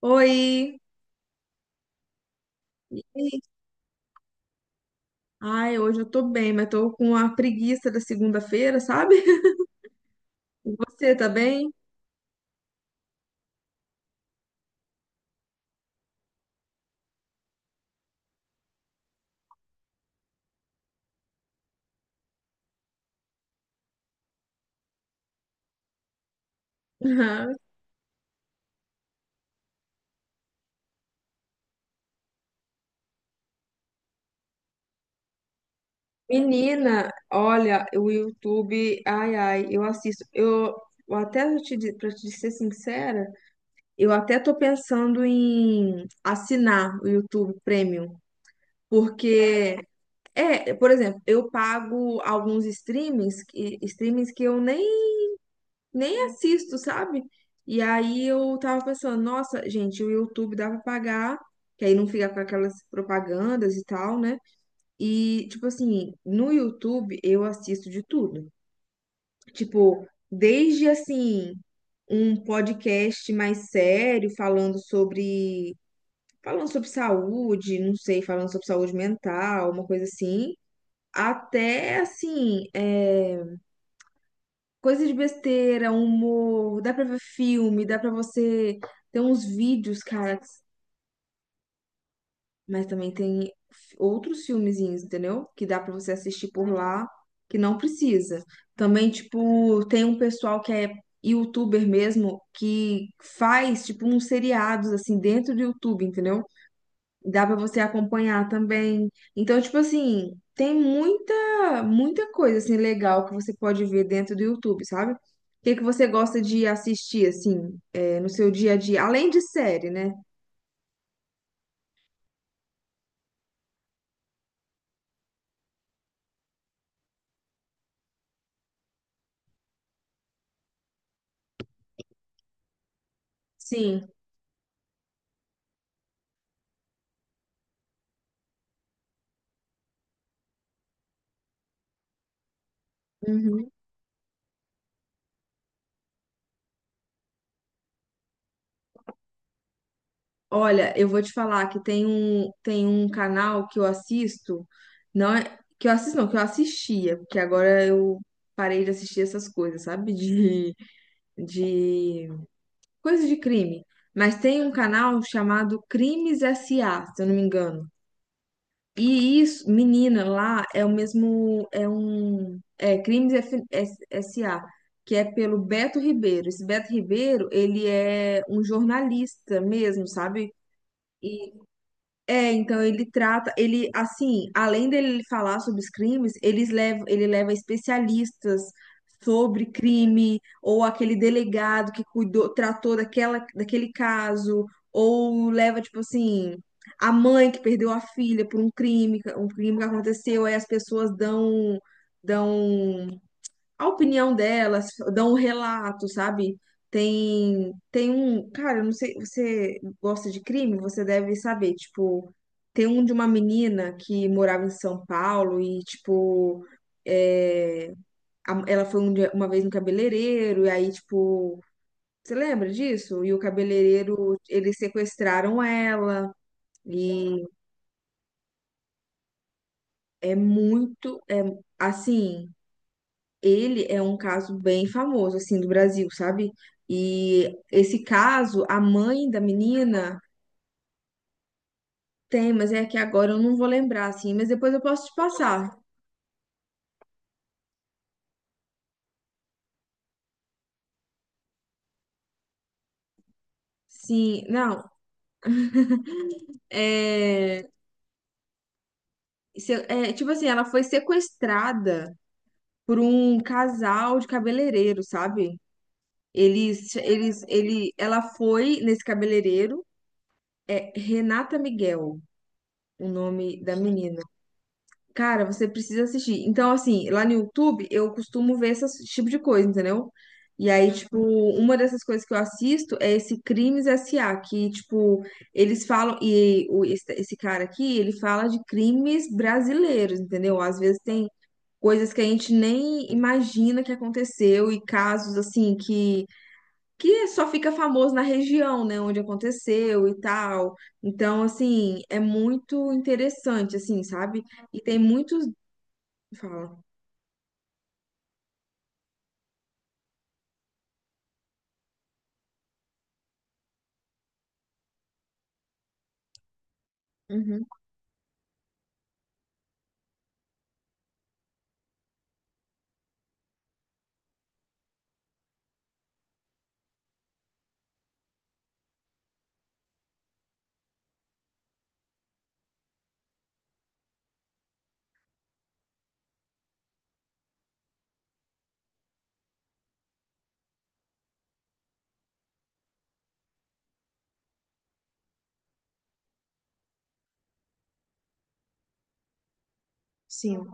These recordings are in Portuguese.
Oi! E aí? Ai, hoje eu tô bem, mas tô com a preguiça da segunda-feira, sabe? E você tá bem? Aham. Menina, olha, o YouTube, eu assisto. Eu até vou te, pra te ser sincera, eu até tô pensando em assinar o YouTube Premium. Porque, é, por exemplo, eu pago alguns streamings, streamings que eu nem assisto, sabe? E aí eu tava pensando, nossa, gente, o YouTube dá pra pagar, que aí não fica com aquelas propagandas e tal, né? E, tipo assim, no YouTube eu assisto de tudo. Tipo, desde assim, um podcast mais sério falando sobre. Falando sobre saúde, não sei, falando sobre saúde mental, uma coisa assim. Até assim, coisa de besteira, humor, dá pra ver filme, dá pra você ter uns vídeos, cara, mas também tem outros filmezinhos, entendeu? Que dá pra você assistir por lá, que não precisa. Também, tipo, tem um pessoal que é youtuber mesmo, que faz, tipo, uns seriados, assim, dentro do YouTube, entendeu? Dá pra você acompanhar também. Então, tipo assim, tem muita coisa assim legal que você pode ver dentro do YouTube, sabe? O que que você gosta de assistir assim, no seu dia a dia, além de série, né? Sim. Uhum. Olha, eu vou te falar que tem um canal que eu assisto, não é, que eu assisto, não, que eu assistia, porque agora eu parei de assistir essas coisas, sabe? De coisa de crime. Mas tem um canal chamado Crimes S.A., se eu não me engano. E isso, menina, lá é o mesmo, é S.A., que é pelo Beto Ribeiro. Esse Beto Ribeiro, ele é um jornalista mesmo, sabe? É, então ele trata, ele assim, além dele falar sobre os crimes, ele leva especialistas sobre crime, ou aquele delegado que cuidou, tratou daquele caso, ou leva, tipo assim, a mãe que perdeu a filha por um crime que aconteceu, aí as pessoas dão a opinião delas, dão um relato, sabe? Cara, eu não sei, você gosta de crime? Você deve saber, tipo, tem um de uma menina que morava em São Paulo e, tipo, é, ela foi uma vez no cabeleireiro e aí, tipo, você lembra disso? E o cabeleireiro, eles sequestraram ela e é muito, assim... Ele é um caso bem famoso, assim, do Brasil, sabe? E esse caso, a mãe da menina tem, mas é que agora eu não vou lembrar, assim, mas depois eu posso te passar. Sim, não, é, é, tipo assim, ela foi sequestrada por um casal de cabeleireiro, sabe? Ela foi nesse cabeleireiro, é Renata Miguel, o nome da menina. Cara, você precisa assistir. Então, assim, lá no YouTube eu costumo ver esse tipo de coisa, entendeu? E aí, tipo, uma dessas coisas que eu assisto é esse Crimes S.A., que, tipo, eles falam, esse cara aqui, ele fala de crimes brasileiros, entendeu? Às vezes tem coisas que a gente nem imagina que aconteceu e casos, assim, que só fica famoso na região, né, onde aconteceu e tal. Então, assim, é muito interessante, assim, sabe? E tem muitos. Fala. Uhum. Sim.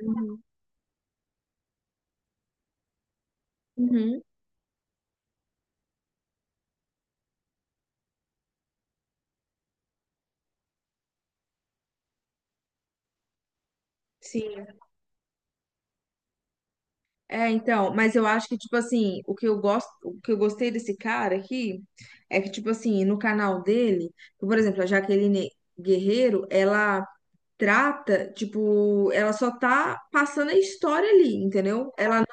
Uhum. Uhum. Sim. É, então, mas eu acho que, tipo assim, o que eu gosto, o que eu gostei desse cara aqui é que, tipo assim, no canal dele, por exemplo, a Jaqueline Guerreiro, ela trata, tipo, ela só tá passando a história ali, entendeu?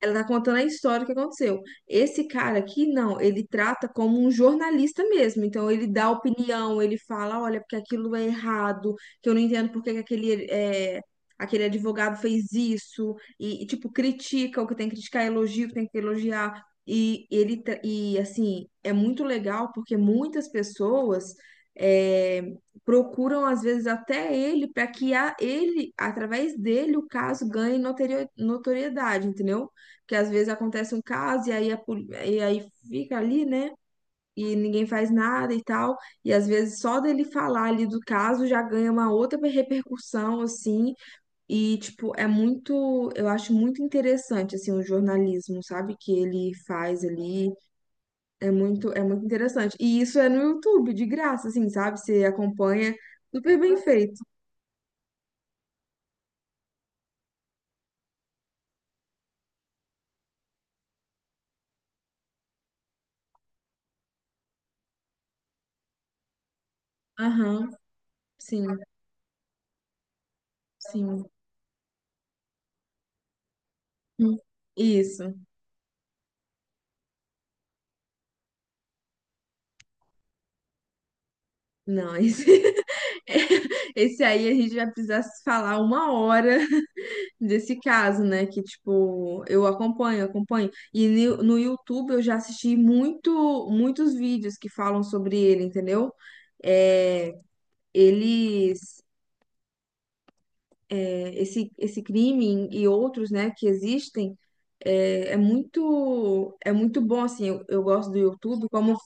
Ela tá contando a história que aconteceu. Esse cara aqui, não, ele trata como um jornalista mesmo. Então, ele dá opinião, ele fala, olha, porque aquilo é errado, que eu não entendo porque que aquele, aquele advogado fez isso. E tipo, critica o que tem que criticar, elogia o que tem que elogiar. E, ele, assim, é muito legal porque muitas pessoas... é, procuram às vezes até ele para que a ele através dele o caso ganhe notoriedade, entendeu? Porque às vezes acontece um caso e aí, e aí fica ali, né? E ninguém faz nada e tal. E às vezes só dele falar ali do caso já ganha uma outra repercussão, assim. E, tipo, é muito. Eu acho muito interessante, assim, o jornalismo, sabe? Que ele faz ali. É muito interessante. E isso é no YouTube, de graça, assim, sabe? Você acompanha. Super bem feito. Aham, sim, sim. Hum, isso. Não, isso. Esse aí a gente vai precisar se falar uma hora desse caso, né? Que, tipo, eu acompanho, acompanho. E no no YouTube eu já assisti muitos vídeos que falam sobre ele, entendeu? É, eles, é, esse crime e outros, né, que existem, é, é muito bom, assim, eu gosto do YouTube como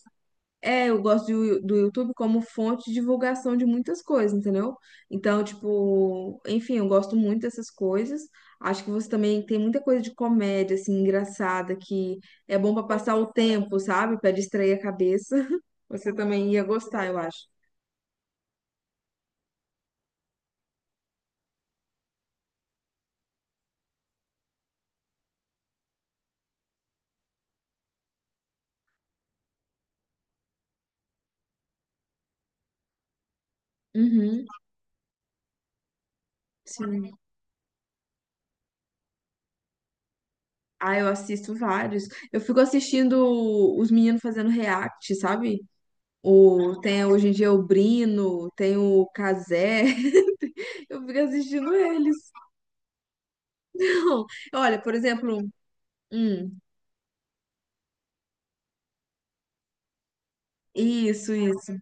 é, eu gosto de do YouTube como fonte de divulgação de muitas coisas, entendeu? Então, tipo, enfim, eu gosto muito dessas coisas. Acho que você também tem muita coisa de comédia, assim, engraçada, que é bom pra passar o tempo, sabe? Pra distrair a cabeça. Você também ia gostar, eu acho. Uhum, sim. Ah, eu assisto vários. Eu fico assistindo os meninos fazendo react, sabe? O, tem hoje em dia o Brino, tem o Cazé. Eu fico assistindo eles. Não, olha, por exemplo, hum, isso, isso.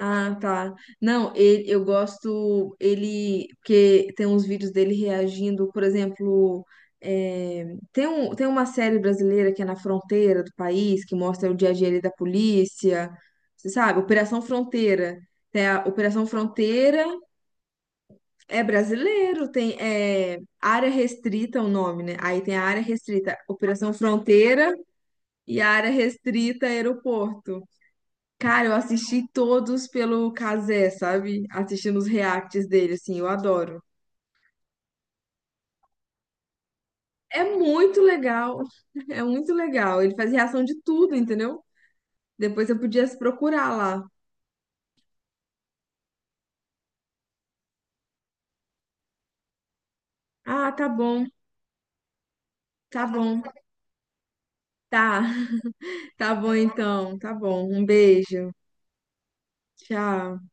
Ah, tá. Não, ele, eu gosto ele porque tem uns vídeos dele reagindo, por exemplo, é, tem uma série brasileira que é na fronteira do país, que mostra o dia a dia ali da polícia, você sabe? Operação Fronteira. Tem a Operação Fronteira é brasileiro, tem é, área restrita é o nome, né? Aí tem a área restrita, Operação Fronteira e a área restrita é aeroporto. Cara, eu assisti todos pelo Kazé, sabe? Assistindo os reacts dele, assim, eu adoro. É muito legal, é muito legal. Ele faz reação de tudo, entendeu? Depois eu podia se procurar lá. Ah, tá bom, tá bom, tá, tá bom então, tá bom. Um beijo, tchau.